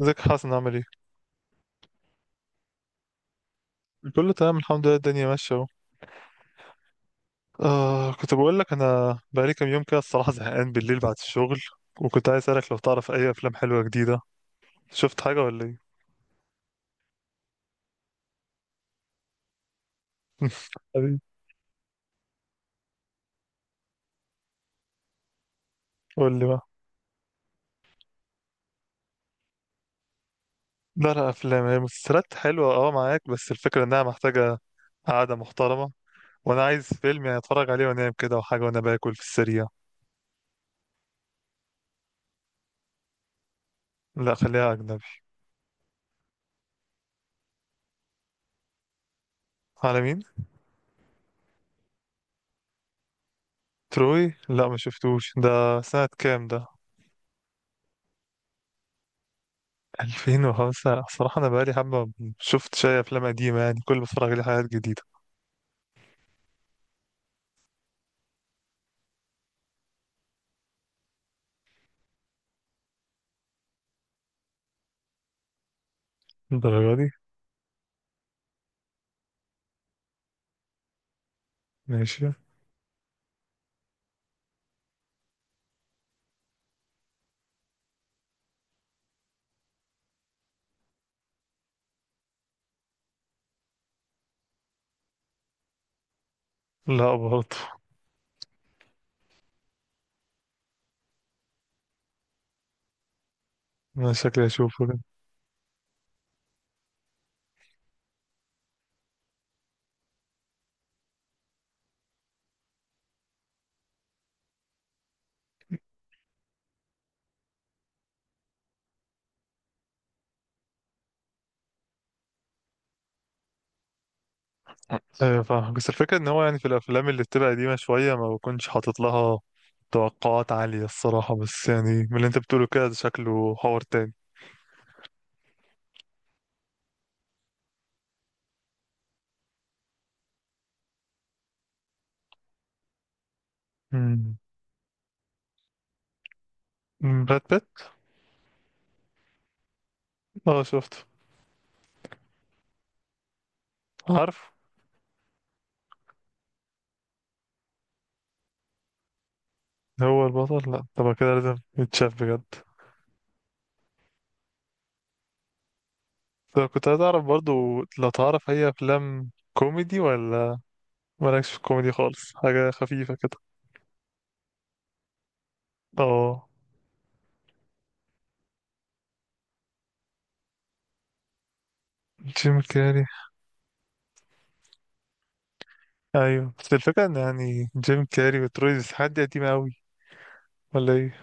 ازيك يا حسن؟ عامل ايه؟ كله تمام الحمد لله، الدنيا ماشية اهو. آه، كنت بقول لك انا بقالي كام يوم كده، الصراحة زهقان بالليل بعد الشغل، وكنت عايز اسألك لو تعرف اي افلام حلوة جديدة. شفت حاجة ولا ايه؟ حبيبي. قول لي بقى. لا لا، افلام. هي مسلسلات حلوة اه معاك، بس الفكرة انها محتاجة قعدة محترمة. وانا عايز فيلم يعني اتفرج عليه وانام كده، وحاجة وانا باكل في السريع. لا خليها اجنبي. على مين؟ تروي؟ لا ما شفتوش. ده سنة كام ده؟ 2000 وخمسة. صراحة أنا بقالي حبة ما شفت شوية أفلام قديمة، يعني كل ما بتفرج عليه حاجات جديدة. الدرجة دي؟ ماشي. لا برضه. أنا شكلي أشوفه كده. أيوة فاهم، بس الفكرة إن هو يعني في الأفلام اللي بتبقى قديمة شوية ما بكونش حاطط لها توقعات عالية الصراحة، بس يعني من اللي أنت بتقوله كده، ده شكله حوار تاني. مم. براد بيت. اه شفته. عارف. هو البطل؟ لا طب كده لازم يتشاف بجد. طب كنت عايز أعرف برضه، لو تعرف هي أفلام كوميدي ولا مالكش في الكوميدي خالص، حاجة خفيفة كده. اه. جيم كاري. ايوه بس الفكرة ان يعني جيم كاري وتروي سيزن دي قديمة اوي ولا ايه؟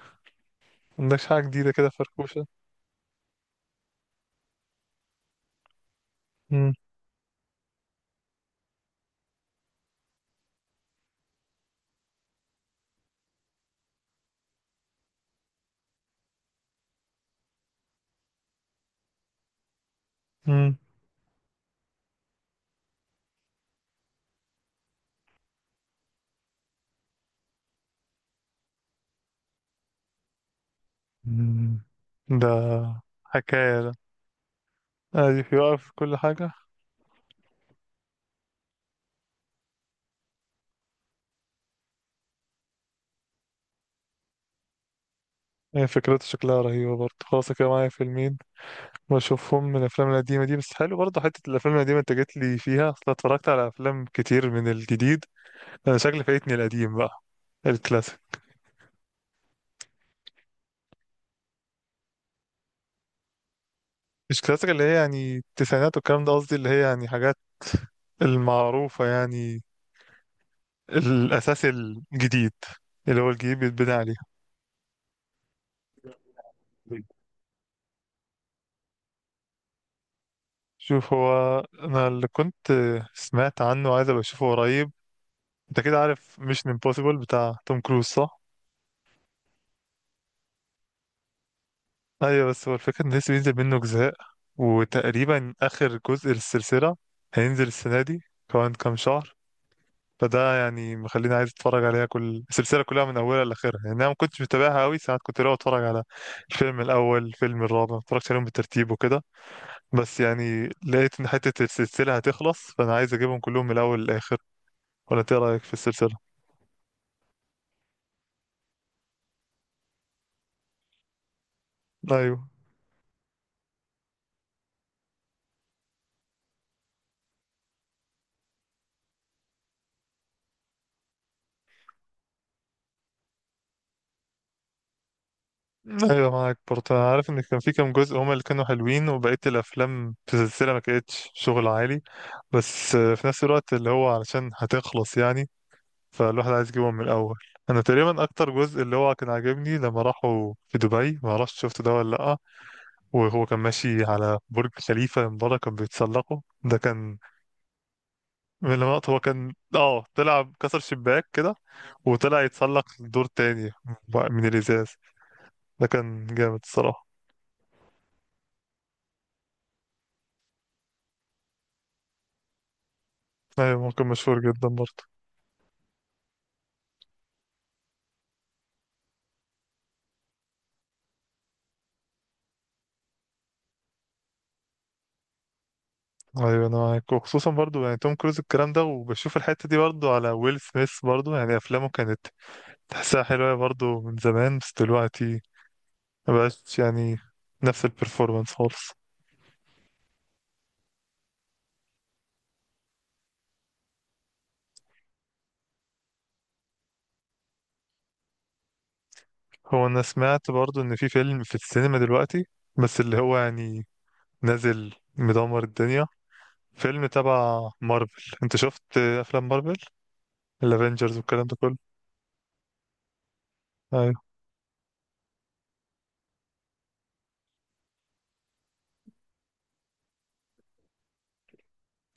مندكش حاجة جديدة كده فركوشة. مم. مم. مم. ده حكاية ده. ايوه يقف في كل حاجة. هي فكرته شكلها رهيبة برضه. خلاص كده معايا فيلمين بشوفهم من الأفلام القديمة دي، بس حلو برضه حتة الأفلام القديمة أنت جيت لي فيها، أصل أنا اتفرجت على أفلام كتير من الجديد. أنا شكلي فايتني القديم بقى، الكلاسيك. مش كلاسيك اللي هي يعني التسعينات والكلام ده، قصدي اللي هي يعني حاجات المعروفة يعني، الأساس الجديد اللي هو الجديد بيتبني عليه. شوف، هو أنا اللي كنت سمعت عنه عايز أبقى أشوفه قريب، أنت كده عارف ميشن امبوسيبل بتاع توم كروز صح؟ أيوة، بس هو الفكرة إن لسه بينزل منه أجزاء، وتقريبا آخر جزء للسلسلة هينزل السنة دي كمان كام شهر، فده يعني مخليني عايز اتفرج عليها كل السلسله كلها من اولها لاخرها. يعني انا ما كنتش متابعها قوي، ساعات كنت لو اتفرج على الفيلم الاول، الفيلم الرابع، ما اتفرجتش عليهم بالترتيب وكده، بس يعني لقيت ان حته السلسله هتخلص، فانا عايز اجيبهم كلهم من الاول للاخر. ولا انت إيه رايك في السلسله؟ ايوه. ايوه معاك برضه، انا عارف ان كان في كام جزء هما اللي كانوا حلوين وبقيه الافلام في السلسله ما كانتش شغل عالي، بس في نفس الوقت اللي هو علشان هتخلص يعني، فالواحد عايز يجيبهم من الأول. أنا تقريبا أكتر جزء اللي هو كان عاجبني لما راحوا في دبي، ما اعرفش شفته ده ولا لأ، وهو كان ماشي على برج خليفة من بره كان بيتسلقه. ده كان من اللقطات. هو كان اه طلع كسر شباك كده، وطلع يتسلق لدور تاني من الإزاز، ده كان جامد الصراحة. أيوة ممكن مشهور جدا برضه. أيوة أنا معاك، وخصوصا برضه يعني توم كروز الكلام ده، وبشوف الحتة دي برضه على ويل سميث، برضه يعني أفلامه كانت تحسها حلوة برضه من زمان، بس دلوقتي مبقاش يعني نفس البرفورمانس خالص. هو انا سمعت برضو ان في فيلم في السينما دلوقتي، بس اللي هو يعني نازل مدمر الدنيا، فيلم تبع مارفل. انت شفت افلام مارفل؟ الافينجرز والكلام ده كله؟ ايوه.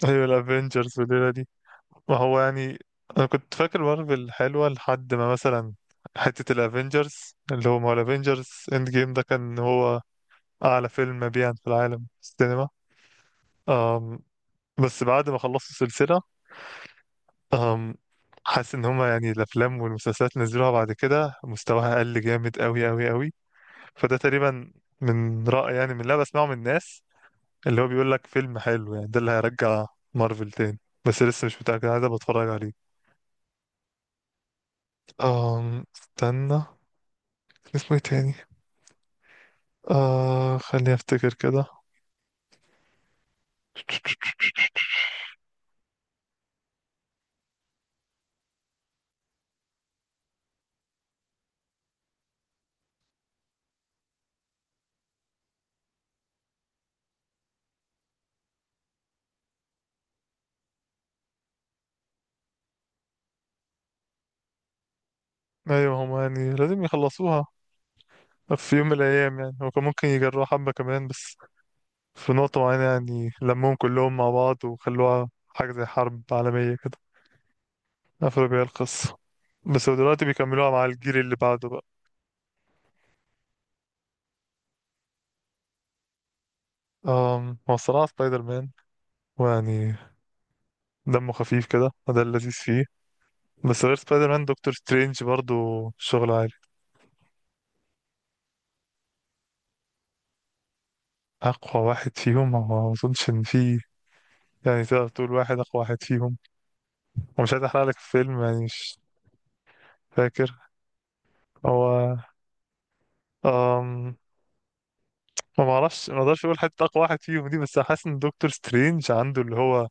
ايوه الافينجرز والليله دي. ما هو يعني انا كنت فاكر مارفل حلوه لحد ما مثلا حته الافينجرز، اللي هو ما هو الافينجرز اند جيم ده كان هو اعلى فيلم مبيعا في العالم في السينما. أم، بس بعد ما خلصت السلسله، أم حاسس ان هما يعني الافلام والمسلسلات اللي نزلوها بعد كده مستواها قل جامد قوي قوي قوي. فده تقريبا من رأي، يعني من اللي أنا بسمعه من الناس اللي هو بيقول لك فيلم حلو، يعني ده اللي هيرجع مارفل تاني، بس لسه مش متأكد عايز أبقى اتفرج عليه. استنى كان اسمه ايه تاني؟ آه خليني افتكر كده. ايوه هما يعني لازم يخلصوها في يوم من الايام. يعني هو كان ممكن يجربوا حبة كمان، بس في نقطة معينة يعني لمهم كلهم مع بعض وخلوها حاجة زي حرب عالمية كده، قفلوا بيها القصة. بس هو دلوقتي بيكملوها مع الجيل اللي بعده بقى. هو الصراحة سبايدر مان، ويعني دمه خفيف كده وده اللذيذ فيه. بس غير سبايدر مان، دكتور سترينج برضو شغل عالي. أقوى واحد فيهم هو، ما أظنش إن في، يعني تقدر تقول واحد أقوى واحد فيهم، ومش عايز أحرق لك الفيلم يعني. مش فاكر هو. أم ما معرفش، ما اقدرش اقول حتى اقوى واحد فيهم دي، بس حاسس ان دكتور سترينج عنده اللي هو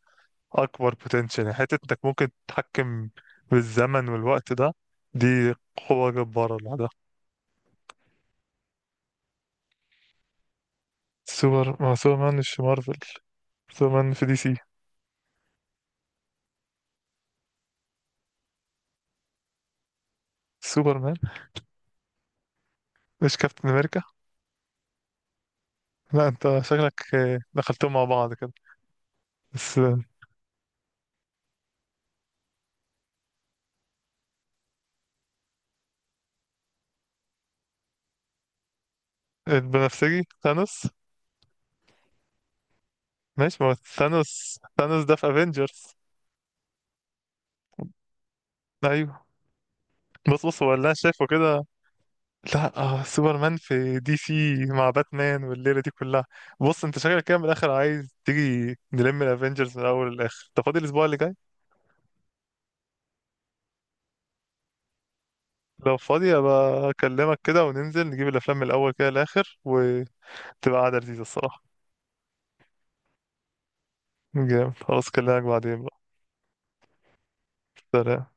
اكبر بوتنشال، يعني حته انك ممكن تتحكم بالزمن والوقت ده، دي قوه جباره لوحدها. سوبر مان مش في مارفل، سوبر مان في دي سي. سوبر مان مش كابتن امريكا. لا انت شكلك دخلتهم مع بعض كده. بس البنفسجي ثانوس. ماشي ما هو ثانوس. ثانوس ده في افنجرز. ايوه. بص بص هو اللي انا شايفه كده. لا آه، سوبرمان في دي سي مع باتمان والليلة دي كلها. بص انت شكلك كده من الآخر عايز تيجي نلم الافينجرز من الأول للآخر. انت فاضي الأسبوع اللي جاي؟ لو فاضي أبقى أكلمك كده وننزل نجيب الأفلام من الأول كده للآخر، وتبقى قعدة لذيذة الصراحة. جامد خلاص، أكلمك بعدين بقى. سلام.